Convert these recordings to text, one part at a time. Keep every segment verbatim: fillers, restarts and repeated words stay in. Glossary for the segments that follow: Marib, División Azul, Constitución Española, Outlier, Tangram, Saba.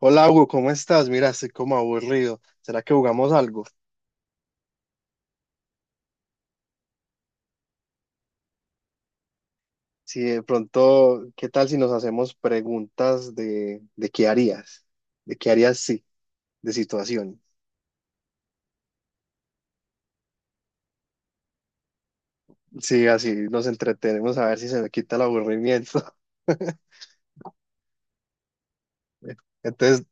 Hola Hugo, ¿cómo estás? Mira, estoy como aburrido. ¿Será que jugamos algo? Si de pronto, ¿qué tal si nos hacemos preguntas de, de qué harías? ¿De qué harías sí? De situación. Sí, así nos entretenemos a ver si se me quita el aburrimiento. Entonces,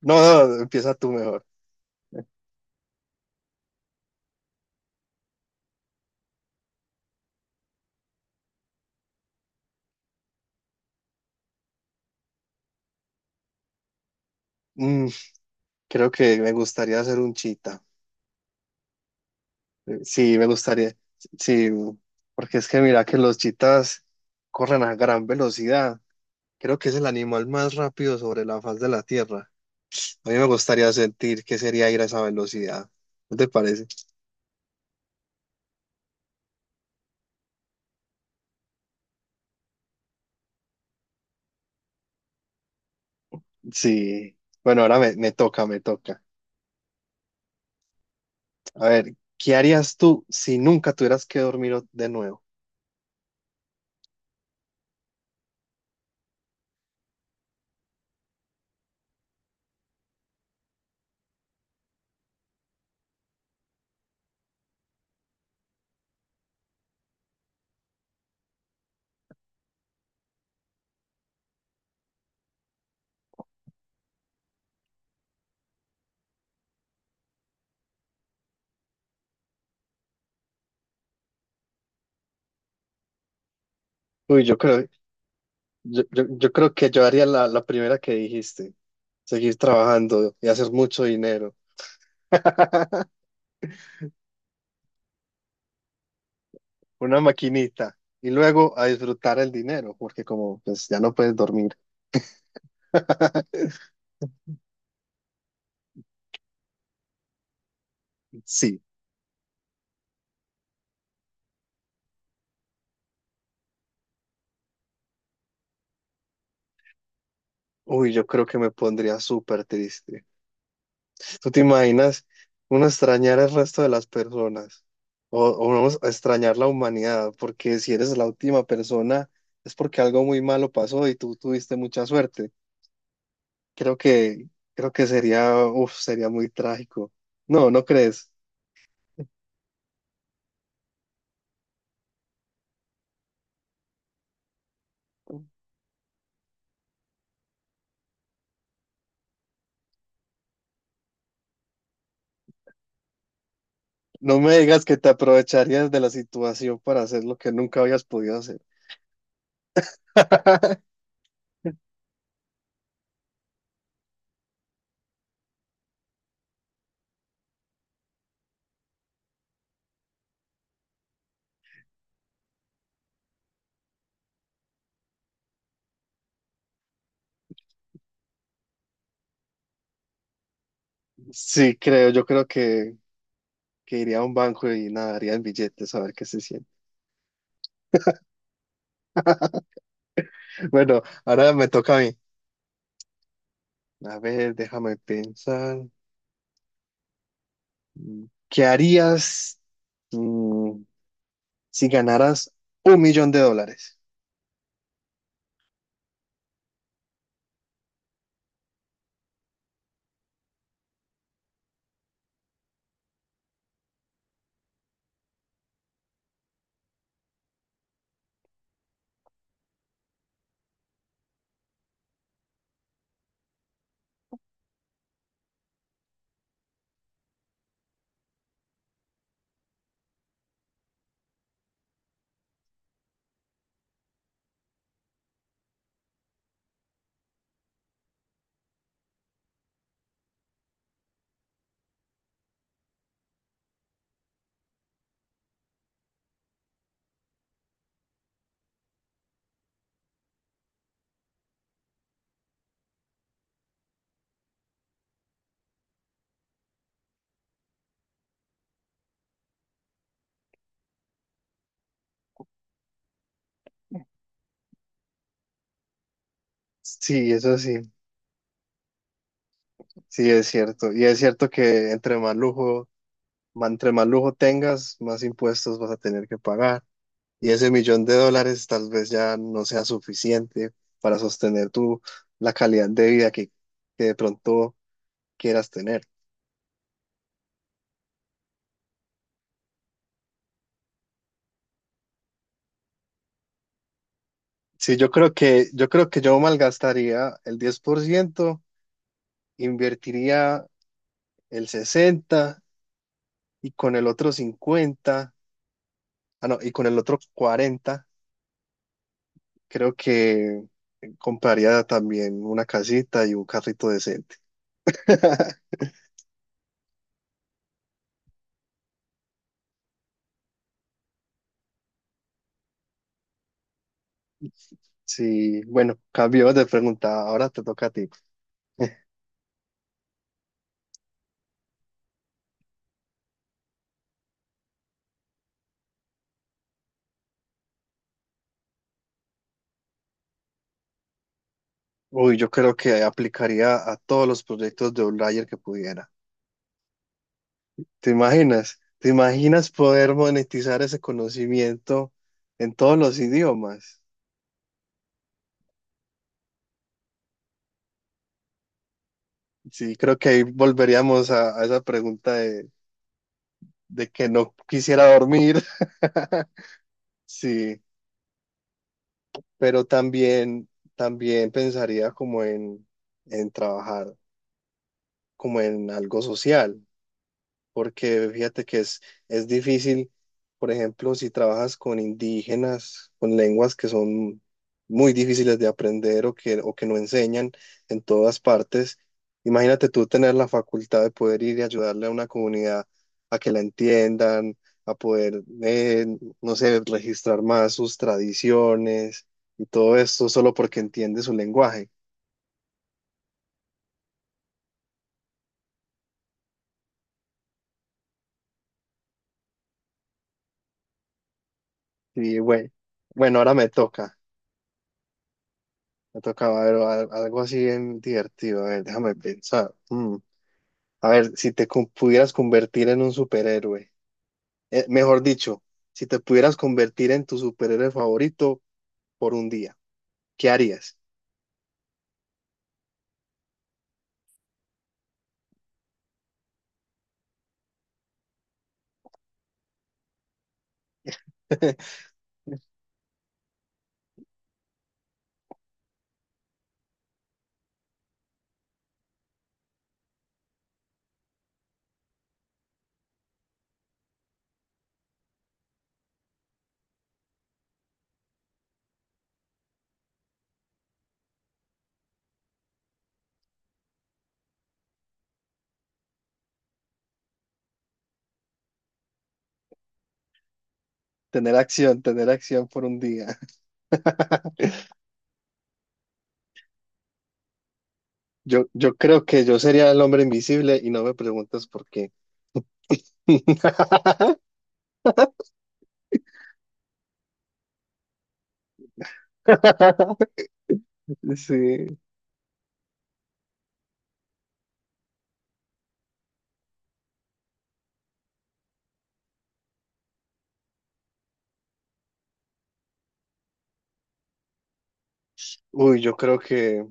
no, no, empieza tú mejor. Mm, creo que me gustaría ser un chita. Sí, me gustaría. Sí, porque es que mira que los chitas corren a gran velocidad. Creo que es el animal más rápido sobre la faz de la Tierra. A mí me gustaría sentir qué sería ir a esa velocidad. ¿No te parece? Sí. Bueno, ahora me, me toca, me toca. A ver, ¿qué harías tú si nunca tuvieras que dormir o- de nuevo? Uy, yo creo, yo, yo- yo creo que yo haría la, la primera que dijiste. Seguir trabajando y hacer mucho dinero. Una maquinita. Y luego a disfrutar el dinero, porque como pues ya no puedes dormir. Sí. Uy, yo creo que me pondría súper triste. ¿Tú te imaginas uno extrañar el resto de las personas? O, o uno extrañar la humanidad, porque si eres la última persona es porque algo muy malo pasó y tú tuviste mucha suerte. Creo que, creo que sería, uf, sería muy trágico. No, ¿no crees? No me digas que te aprovecharías de la situación para hacer lo que nunca habías podido hacer. Sí, creo, yo creo que, que iría a un banco y nadaría en billetes a ver qué se siente. Bueno, ahora me toca a mí. A ver, déjame pensar. Mm, ¿Qué harías mm, si ganaras un millón de dólares? Sí, eso sí, sí es cierto. Y es cierto que entre más lujo, ma- entre más lujo tengas, más impuestos vas a tener que pagar. Y ese millón de dólares tal vez ya no sea suficiente para sostener tu, la calidad de vida que, que de pronto quieras tener. Sí, yo creo que, yo creo que yo malgastaría el diez por ciento, invertiría el sesenta y con el otro cincuenta, ah, no, y con el otro cuarenta, creo que compraría también una casita y un carrito decente. Sí, bueno, cambio de pregunta, ahora te toca a ti. Uy, yo creo que aplicaría a todos los proyectos de Outlier que pudiera. ¿Te imaginas? ¿Te imaginas poder monetizar ese conocimiento en todos los idiomas? Sí, creo que ahí volveríamos a, a esa pregunta de, de que no quisiera dormir. Sí, pero también, también pensaría como en, en trabajar como en algo social, porque fíjate que es, es difícil, por ejemplo, si trabajas con indígenas, con lenguas que son muy difíciles de aprender o que, o que no enseñan en todas partes, imagínate tú tener la facultad de poder ir y ayudarle a una comunidad a que la entiendan, a poder, eh, no sé, registrar más sus tradiciones y todo esto solo porque entiende su lenguaje. Y bueno, bueno, ahora me toca. Me tocaba ver al- algo así bien divertido. A ver, déjame pensar. Mm. A ver, si te con- pudieras convertir en un superhéroe, eh, mejor dicho, si te pudieras convertir en tu superhéroe favorito por un día, ¿qué harías? Tener acción, tener acción por un día. Yo, yo creo que yo sería el hombre invisible y no me preguntas por qué. Sí. Uy, yo creo que,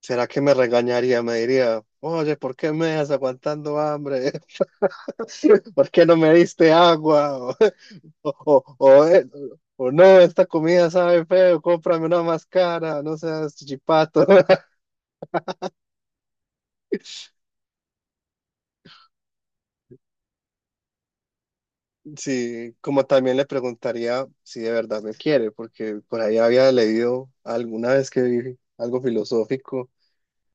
¿será que me regañaría? Me diría, oye, ¿por qué me dejas aguantando hambre? ¿Por qué no me diste agua? O, o- o- eh, o no, esta comida sabe feo, cómprame una más cara, no seas chipato. Sí, como también le preguntaría si de verdad me quiere, porque por ahí había leído alguna vez que vi algo filosófico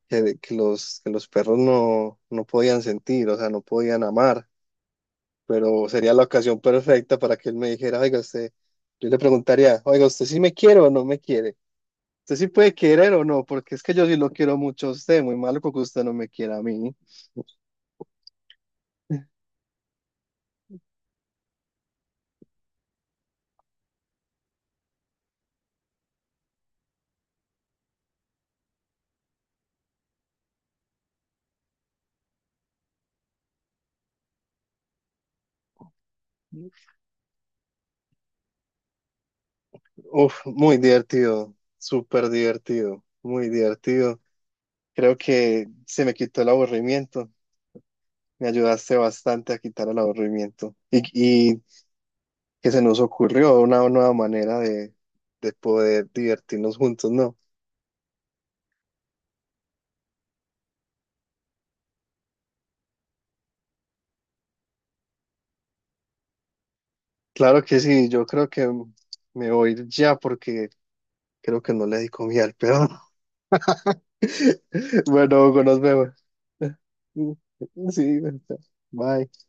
que, que los, que los perros no, no podían sentir, o sea, no podían amar, pero sería la ocasión perfecta para que él me dijera, oiga, usted, yo le preguntaría, oiga, ¿usted sí me quiere o no me quiere? ¿Usted sí puede querer o no? Porque es que yo sí lo quiero mucho a usted, muy malo que usted no me quiera a mí. Uf, muy divertido, súper divertido, muy divertido. Creo que se me quitó el aburrimiento. Me ayudaste bastante a quitar el aburrimiento y, y que se nos ocurrió una nueva manera de, de poder divertirnos juntos, ¿no? Claro que sí, yo creo que me voy ya porque creo que no le di comida al peón. Bueno, Hugo, nos vemos. Sí, bueno, bye.